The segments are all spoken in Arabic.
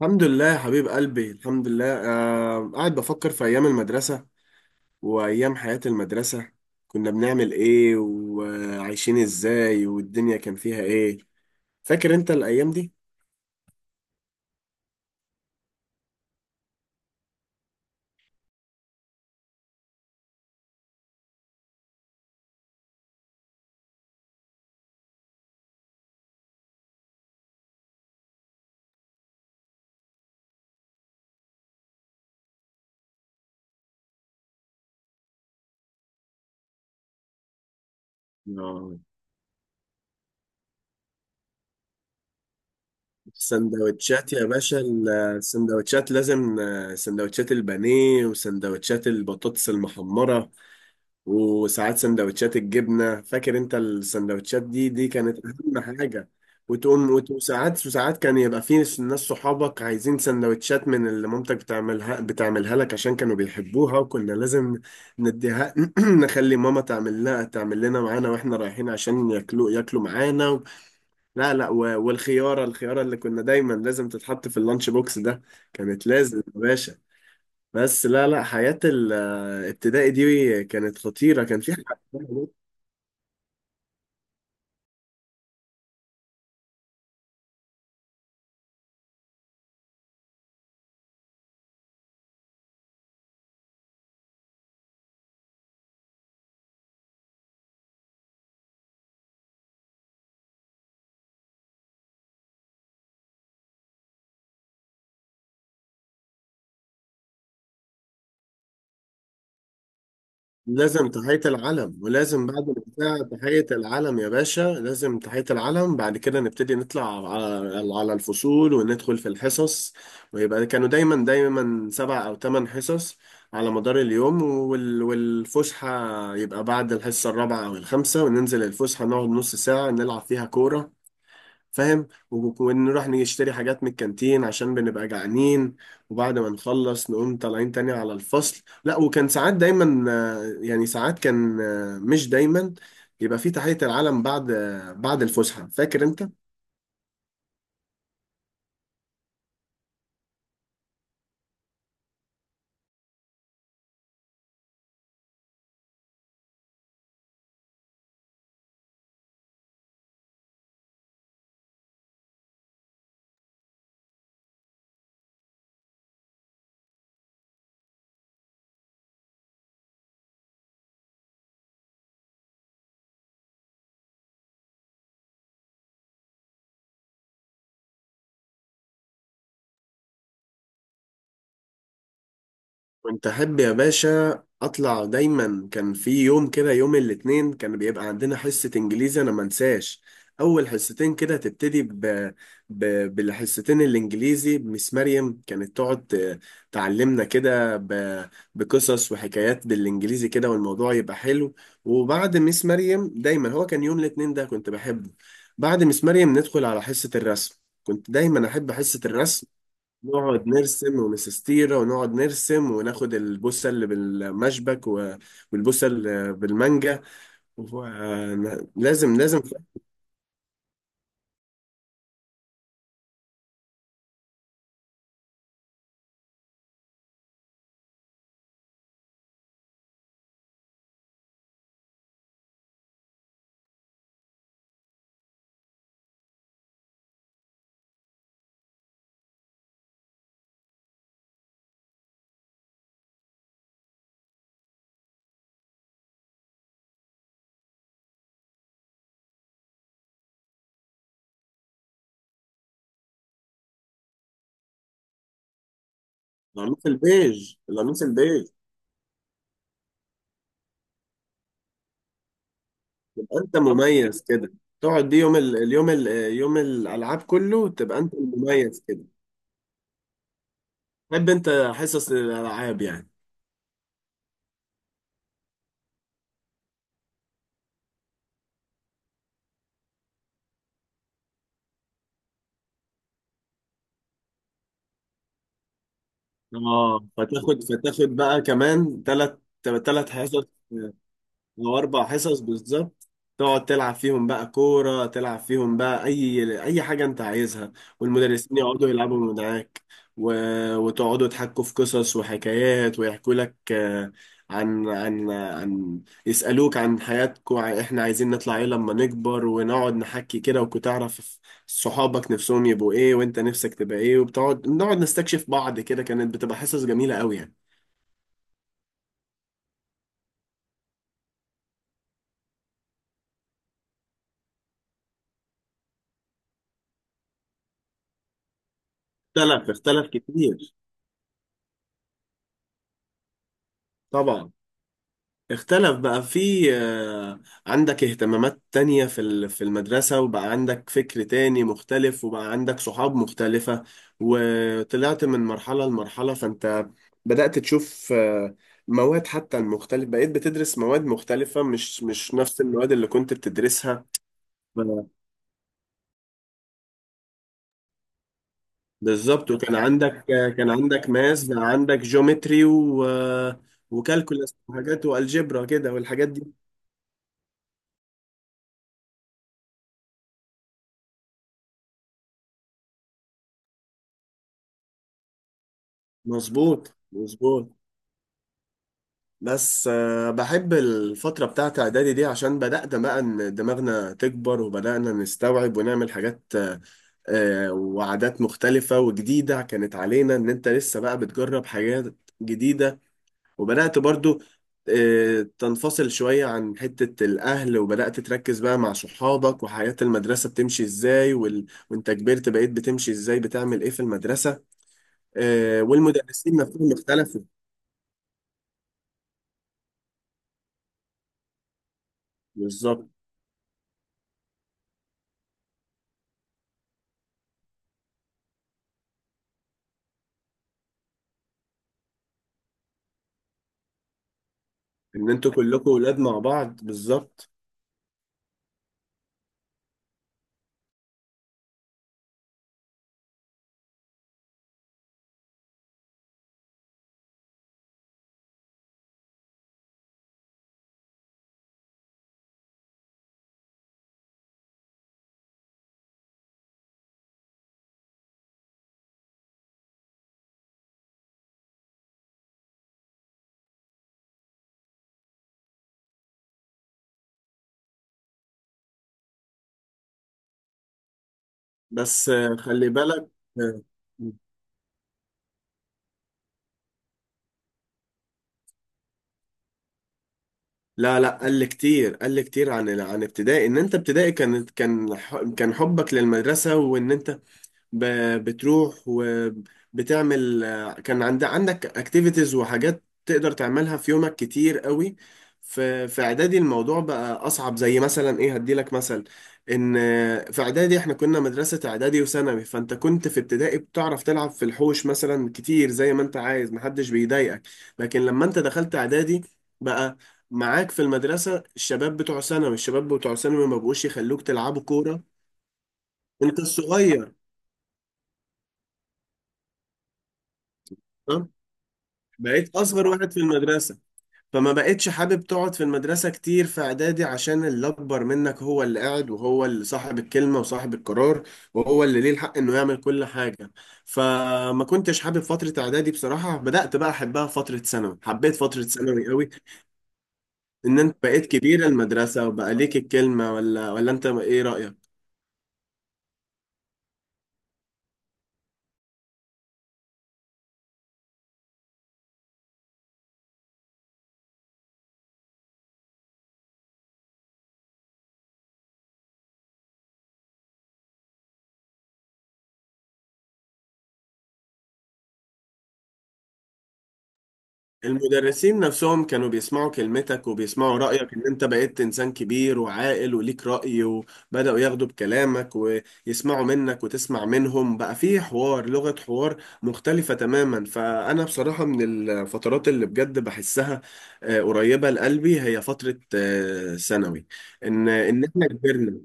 الحمد لله يا حبيب قلبي، الحمد لله. قاعد بفكر في أيام المدرسة وأيام حياة المدرسة. كنا بنعمل إيه وعايشين إزاي والدنيا كان فيها إيه؟ فاكر أنت الأيام دي؟ آه. السندوتشات يا باشا، السندوتشات لازم، سندوتشات البانيه وسندوتشات البطاطس المحمرة، وساعات سندوتشات الجبنة. فاكر انت السندوتشات دي؟ دي كانت اهم حاجة. وتقوم وساعات كان يبقى في ناس صحابك عايزين سندوتشات من اللي مامتك بتعملها لك عشان كانوا بيحبوها، وكنا لازم نديها. نخلي ماما تعمل لنا معانا واحنا رايحين عشان ياكلوا معانا لا، لا. والخيارة اللي كنا دايما لازم تتحط في اللانش بوكس ده، كانت لازم يا باشا. بس لا، لا، حياة الابتدائي دي كانت خطيرة، كان في حاجة. لازم تحية العلم، ولازم بعد البتاع تحية العلم يا باشا، لازم تحية العلم. بعد كده نبتدي نطلع على الفصول وندخل في الحصص. ويبقى كانوا دايما دايما 7 أو 8 حصص على مدار اليوم، والفسحة يبقى بعد الحصة الرابعة أو الخامسة. وننزل الفسحة نقعد نص ساعة نلعب فيها كورة. فاهم؟ ونروح نشتري حاجات من الكانتين عشان بنبقى جعانين. وبعد ما نخلص نقوم طالعين تاني على الفصل. لا، وكان ساعات دايما، يعني ساعات كان، مش دايما يبقى في تحية العلم بعد، بعد الفسحة. فاكر انت؟ كنت أحب يا باشا أطلع. دايما كان في يوم كده، يوم الاثنين، كان بيبقى عندنا حصة إنجليزي، أنا ما انساش. أول حصتين كده تبتدي بالحصتين الإنجليزي بمس مريم. كانت تقعد تعلمنا كده بقصص وحكايات بالإنجليزي كده، والموضوع يبقى حلو. وبعد مس مريم، دايما هو كان يوم الاثنين ده كنت بحبه. بعد مس مريم ندخل على حصة الرسم. كنت دايما أحب حصة الرسم. نقعد نرسم ونسستيرة ونقعد نرسم وناخد البوسة اللي بالمشبك والبوسة اللي بالمانجا و- لازم لازم. القميص البيج، القميص البيج. تبقى انت مميز كده. تقعد دي يوم ال... اليوم ال... يوم الالعاب كله، تبقى انت المميز كده. تحب انت حصص الالعاب يعني. اه، فتاخد بقى كمان ثلاث حصص، او 4 حصص بالظبط. تقعد تلعب فيهم بقى كوره، تلعب فيهم بقى اي حاجه انت عايزها. والمدرسين يقعدوا يلعبوا معاك و... وتقعدوا تحكوا في قصص وحكايات، ويحكوا لك، آه، عن عن عن يسألوك عن حياتكم، احنا عايزين نطلع ايه لما نكبر. ونقعد نحكي كده، وكنت تعرف صحابك نفسهم يبقوا ايه وانت نفسك تبقى ايه. وبتقعد نقعد نستكشف بعض كده، كانت بتبقى حصص جميلة قوي يعني. اختلف، اختلف كتير. طبعا اختلف بقى في، عندك اهتمامات تانية في في المدرسة، وبقى عندك فكر تاني مختلف، وبقى عندك صحاب مختلفة. وطلعت من مرحلة لمرحلة، فانت بدأت تشوف، مواد. حتى المختلف بقيت بتدرس مواد مختلفة، مش نفس المواد اللي كنت بتدرسها. ف- بالظبط. وكان عندك، كان عندك ماس، بقى عندك جيومتري و وكالكولاس وحاجات، والجبرا كده والحاجات دي. مظبوط مظبوط. بس، بحب الفترة بتاعت إعدادي دي عشان بدأنا بقى إن دماغنا تكبر، وبدأنا نستوعب ونعمل حاجات، وعادات مختلفة وجديدة كانت علينا، إن أنت لسه بقى بتجرب حاجات جديدة. وبدأت برضو، تنفصل شوية عن حتة الأهل، وبدأت تركز بقى مع صحابك، وحياة المدرسة بتمشي إزاي. وأنت كبرت، بقيت بتمشي إزاي بتعمل إيه في المدرسة. والمدرسين نفسهم اختلفوا. بالظبط، ان انتوا كلكم ولاد مع بعض. بالظبط. بس، خلي بالك. آه، لا، لا، قل كتير، قل كتير، عن ابتدائي. ان انت ابتدائي كان حبك للمدرسة، وان انت بتروح وبتعمل. كان عندك اكتيفيتيز وحاجات تقدر تعملها في يومك كتير قوي. في اعدادي الموضوع بقى اصعب. زي مثلا ايه؟ هديلك مثل، ان في اعدادي احنا كنا مدرسة اعدادي وثانوي، فانت كنت في ابتدائي بتعرف تلعب في الحوش مثلا كتير زي ما انت عايز، محدش بيضايقك. لكن لما انت دخلت اعدادي، بقى معاك في المدرسة الشباب بتوع ثانوي. الشباب بتوع ثانوي ما بقوش يخلوك تلعبوا كورة. انت الصغير، بقيت اصغر واحد في المدرسه. فما بقتش حابب تقعد في المدرسه كتير في اعدادي، عشان اللي اكبر منك هو اللي قاعد، وهو اللي صاحب الكلمه وصاحب القرار، وهو اللي ليه الحق انه يعمل كل حاجه. فما كنتش حابب فتره اعدادي بصراحه. بدات بقى احبها فتره ثانوي، حبيت فتره ثانوي قوي. ان انت بقيت كبير المدرسه وبقى ليك الكلمه، ولا انت ايه رايك؟ المدرسين نفسهم كانوا بيسمعوا كلمتك وبيسمعوا رأيك، ان انت بقيت انسان كبير وعاقل وليك رأي، وبدأوا ياخدوا بكلامك ويسمعوا منك وتسمع منهم. بقى فيه حوار، لغة حوار مختلفة تماما. فأنا بصراحة من الفترات اللي بجد بحسها، قريبة لقلبي، هي فترة، ثانوي. ان احنا كبرنا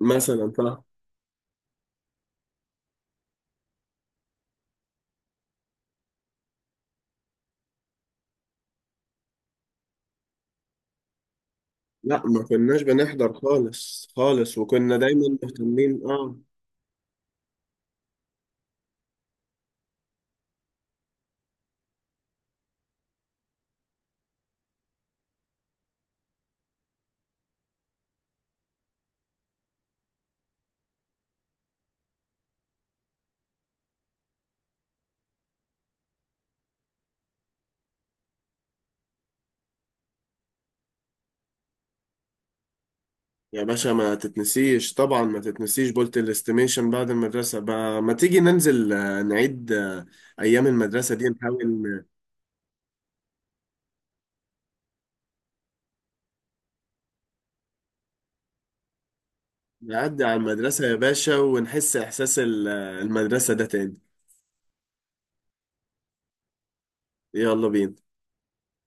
مثلا، صح. لا، ما كناش بنحضر خالص خالص، وكنا دايما مهتمين. اه، يا باشا ما تتنسيش، طبعا ما تتنسيش بولت الاستيميشن بعد المدرسة. بقى ما تيجي ننزل، نعيد، أيام المدرسة دي، نحاول نعدي على المدرسة يا باشا، ونحس إحساس المدرسة ده تاني. يلا بينا.